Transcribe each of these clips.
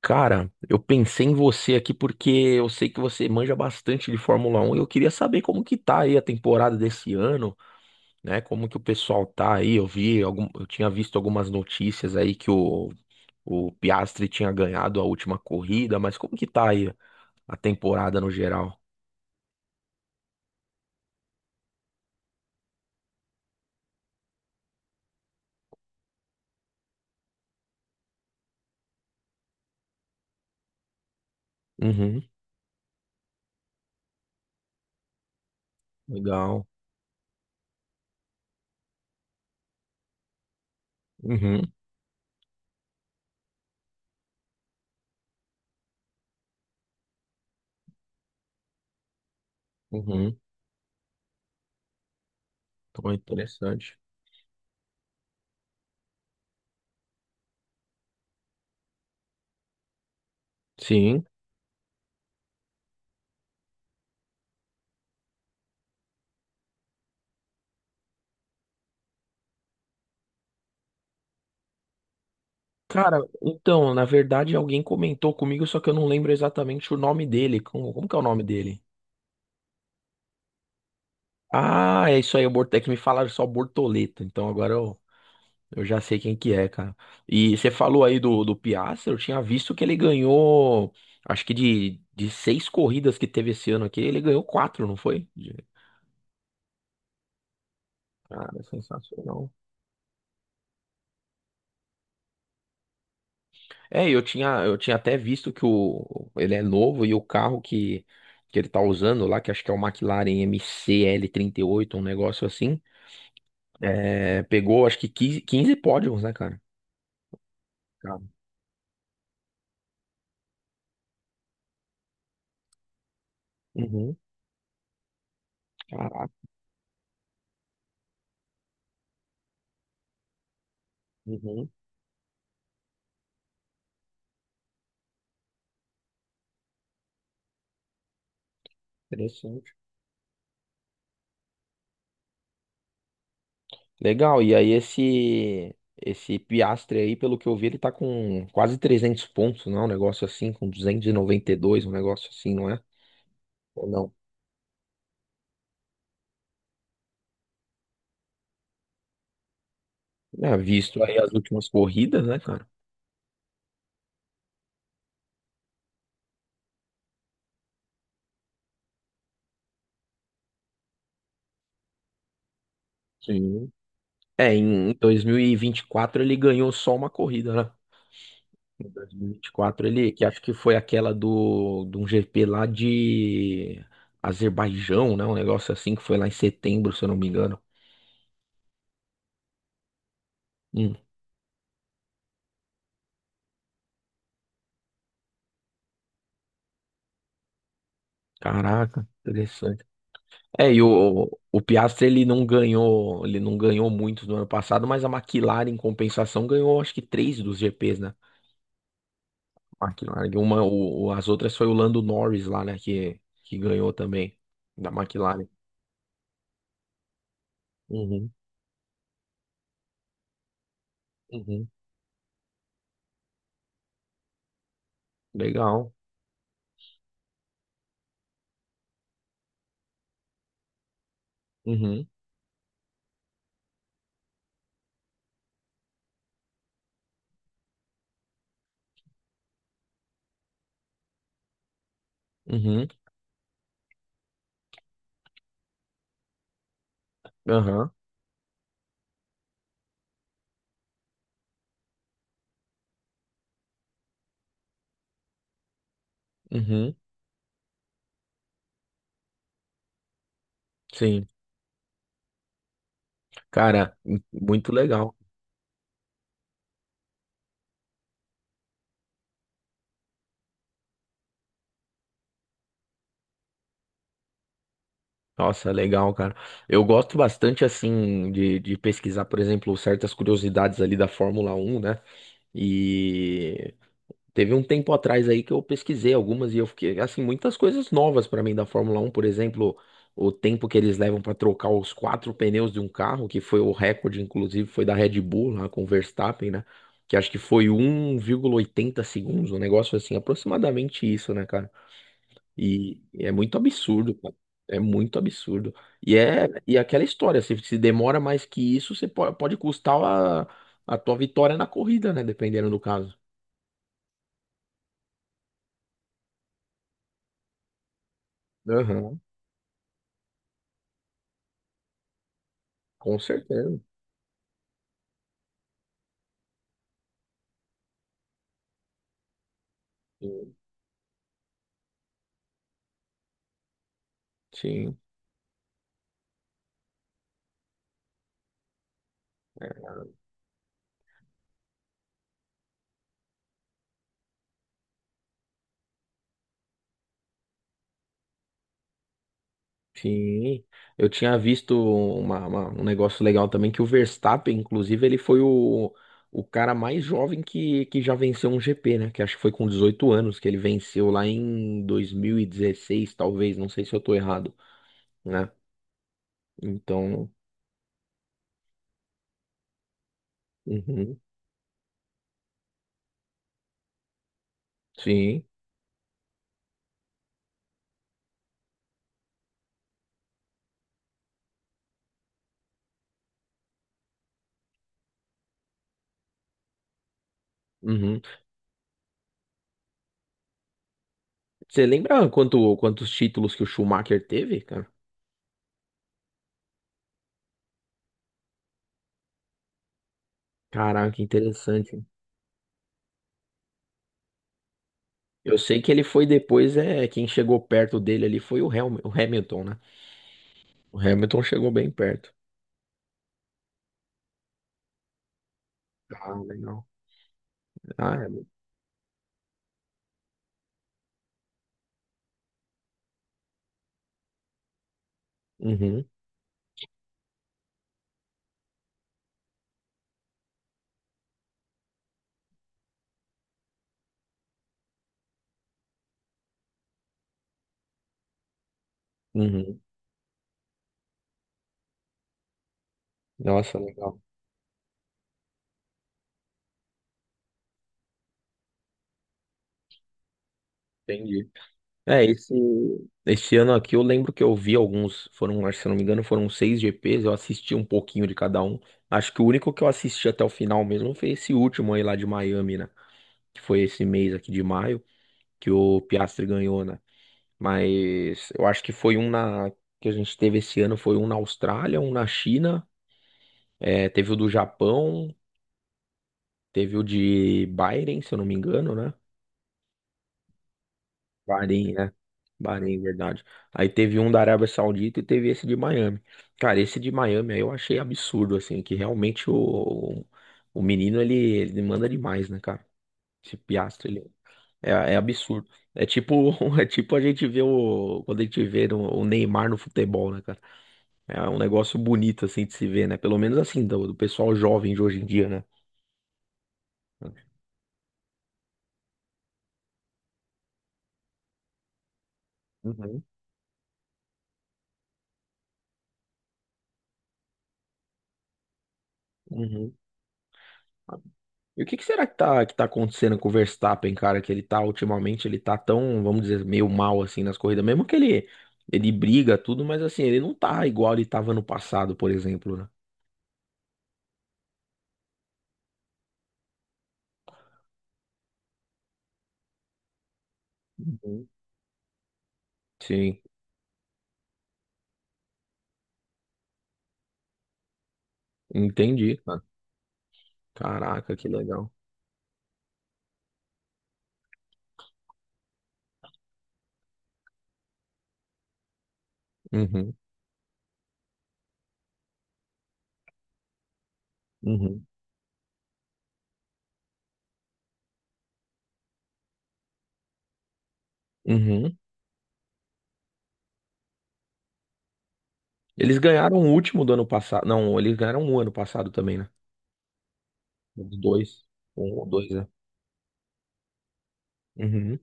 Cara, eu pensei em você aqui porque eu sei que você manja bastante de Fórmula Um e eu queria saber como que tá aí a temporada desse ano, né? Como que o pessoal tá aí? Eu tinha visto algumas notícias aí que o Piastri tinha ganhado a última corrida, mas como que tá aí a temporada no geral? Uhum, legal. Uhum, uhum. Então é interessante. Sim. Cara, então, na verdade, alguém comentou comigo, só que eu não lembro exatamente o nome dele. Como que é o nome dele? Ah, é isso aí, é que me falaram só Bortoleta, então agora eu já sei quem que é, cara. E você falou aí do Piastri, eu tinha visto que ele ganhou, acho que de seis corridas que teve esse ano aqui, ele ganhou quatro, não foi? Cara, é sensacional. É, eu tinha até visto que ele é novo e o carro que ele tá usando lá, que acho que é o McLaren mcl oito, um negócio assim, é, pegou acho que quinze pódios, né, cara? Cara. Uhum. Caraca. Uhum. Interessante. Legal. E aí esse Piastre aí, pelo que eu vi, ele tá com quase 300 pontos, não é? Um negócio assim, com duzentos e noventa e dois um negócio assim, não é? Ou não? É, visto aí as últimas corridas, né, cara? Sim. É, em dois mil e vinte e quatro ele ganhou só uma corrida, né? Em 2024 ele, que acho que foi aquela de um GP lá de Azerbaijão, né? Um negócio assim que foi lá em setembro, se eu não me engano. Hum, caraca, interessante. É, e o Piastri ele não ganhou muito no ano passado, mas a McLaren, em compensação, ganhou acho que três dos GPs, né? McLaren, as outras foi o Lando Norris lá, né? Que ganhou também da McLaren. Uhum, uhum, legal. Uhum, uhum, aham, uhum, sim. Cara, muito legal. Nossa, legal, cara. Eu gosto bastante, assim, de pesquisar, por exemplo, certas curiosidades ali da Fórmula Um, né? E teve um tempo atrás aí que eu pesquisei algumas e eu fiquei, assim, muitas coisas novas pra mim da Fórmula Um, por exemplo, o tempo que eles levam pra trocar os quatro pneus de um carro, que foi o recorde, inclusive, foi da Red Bull lá com o Verstappen, né? Que acho que foi 1,80 segundos, um negócio assim, aproximadamente isso, né, cara? E é muito absurdo, cara. É muito absurdo. E é aquela história, se demora mais que isso, você pode custar a tua vitória na corrida, né? Dependendo do caso. Aham, com certeza. Sim, sim. Sim. Eu tinha visto um negócio legal também que o Verstappen, inclusive, ele foi o cara mais jovem que já venceu um GP, né? Que acho que foi com 18 anos que ele venceu lá em 2016, talvez, não sei se eu tô errado, né? Então, uhum, sim. Uhum. Você lembra quantos títulos que o Schumacher teve, cara? Caraca, que interessante. Eu sei que ele foi depois, é, quem chegou perto dele ali foi o Hamilton, né? O Hamilton chegou bem perto. Ah, legal. Ah, é. Uhum, uhum. Nossa, legal. Entendi. É, esse ano aqui eu lembro que eu vi, acho que se eu não me engano, foram seis GPs, eu assisti um pouquinho de cada um. Acho que o único que eu assisti até o final mesmo foi esse último aí lá de Miami, né? Que foi esse mês aqui de maio, que o Piastri ganhou, né? Mas eu acho que foi um na, que a gente teve esse ano, foi um na Austrália, um na China, é, teve o do Japão. Teve o de Bahrein, se eu não me engano, né? Bahrein, né? Bahrein, verdade. Aí teve um da Arábia Saudita e teve esse de Miami. Cara, esse de Miami aí eu achei absurdo, assim, que realmente o menino ele manda demais, né, cara? Esse Piastri, ele é absurdo. É tipo, é tipo a gente vê quando a gente vê o Neymar no futebol, né, cara? É um negócio bonito, assim, de se ver, né? Pelo menos assim, do pessoal jovem de hoje em dia, né? Uhum. Uhum. E o que que será que tá, acontecendo com o Verstappen, cara? Que ele tá ultimamente, ele tá tão, vamos dizer, meio mal assim nas corridas. Mesmo que ele briga tudo, mas assim, ele não tá igual ele tava no passado, por exemplo, né? Uhum. Sim, entendi, cara. Caraca, que legal. Uhum, uhum, uhum. Eles ganharam o último do ano passado. Não, eles ganharam um ano passado também, né? Os dois. Um ou dois, né? Uhum,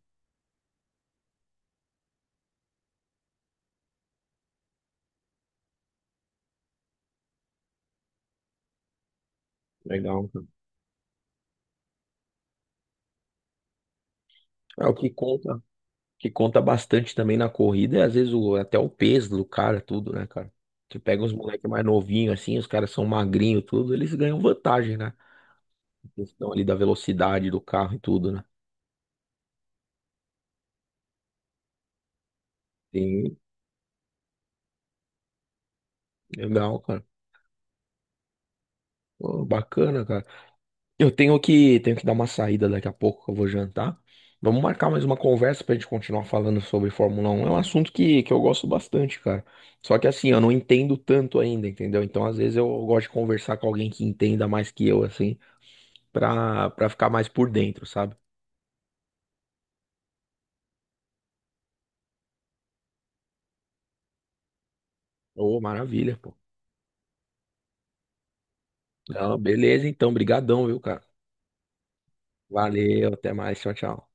legal, cara. É o que conta. Que conta bastante também na corrida, e às vezes até o peso do cara, tudo, né, cara? Você pega uns moleques mais novinhos assim, os caras são magrinhos, tudo, eles ganham vantagem, né? A questão ali da velocidade do carro e tudo, né? Sim, legal, cara. Pô, bacana, cara. Eu tenho tenho que dar uma saída daqui a pouco, que eu vou jantar. Vamos marcar mais uma conversa pra gente continuar falando sobre Fórmula Um. É um assunto que eu gosto bastante, cara. Só que assim, eu não entendo tanto ainda, entendeu? Então, às vezes, eu gosto de conversar com alguém que entenda mais que eu, assim. Pra ficar mais por dentro, sabe? Ô, maravilha, pô. Não, beleza, então, brigadão, viu, cara? Valeu, até mais, tchau, tchau.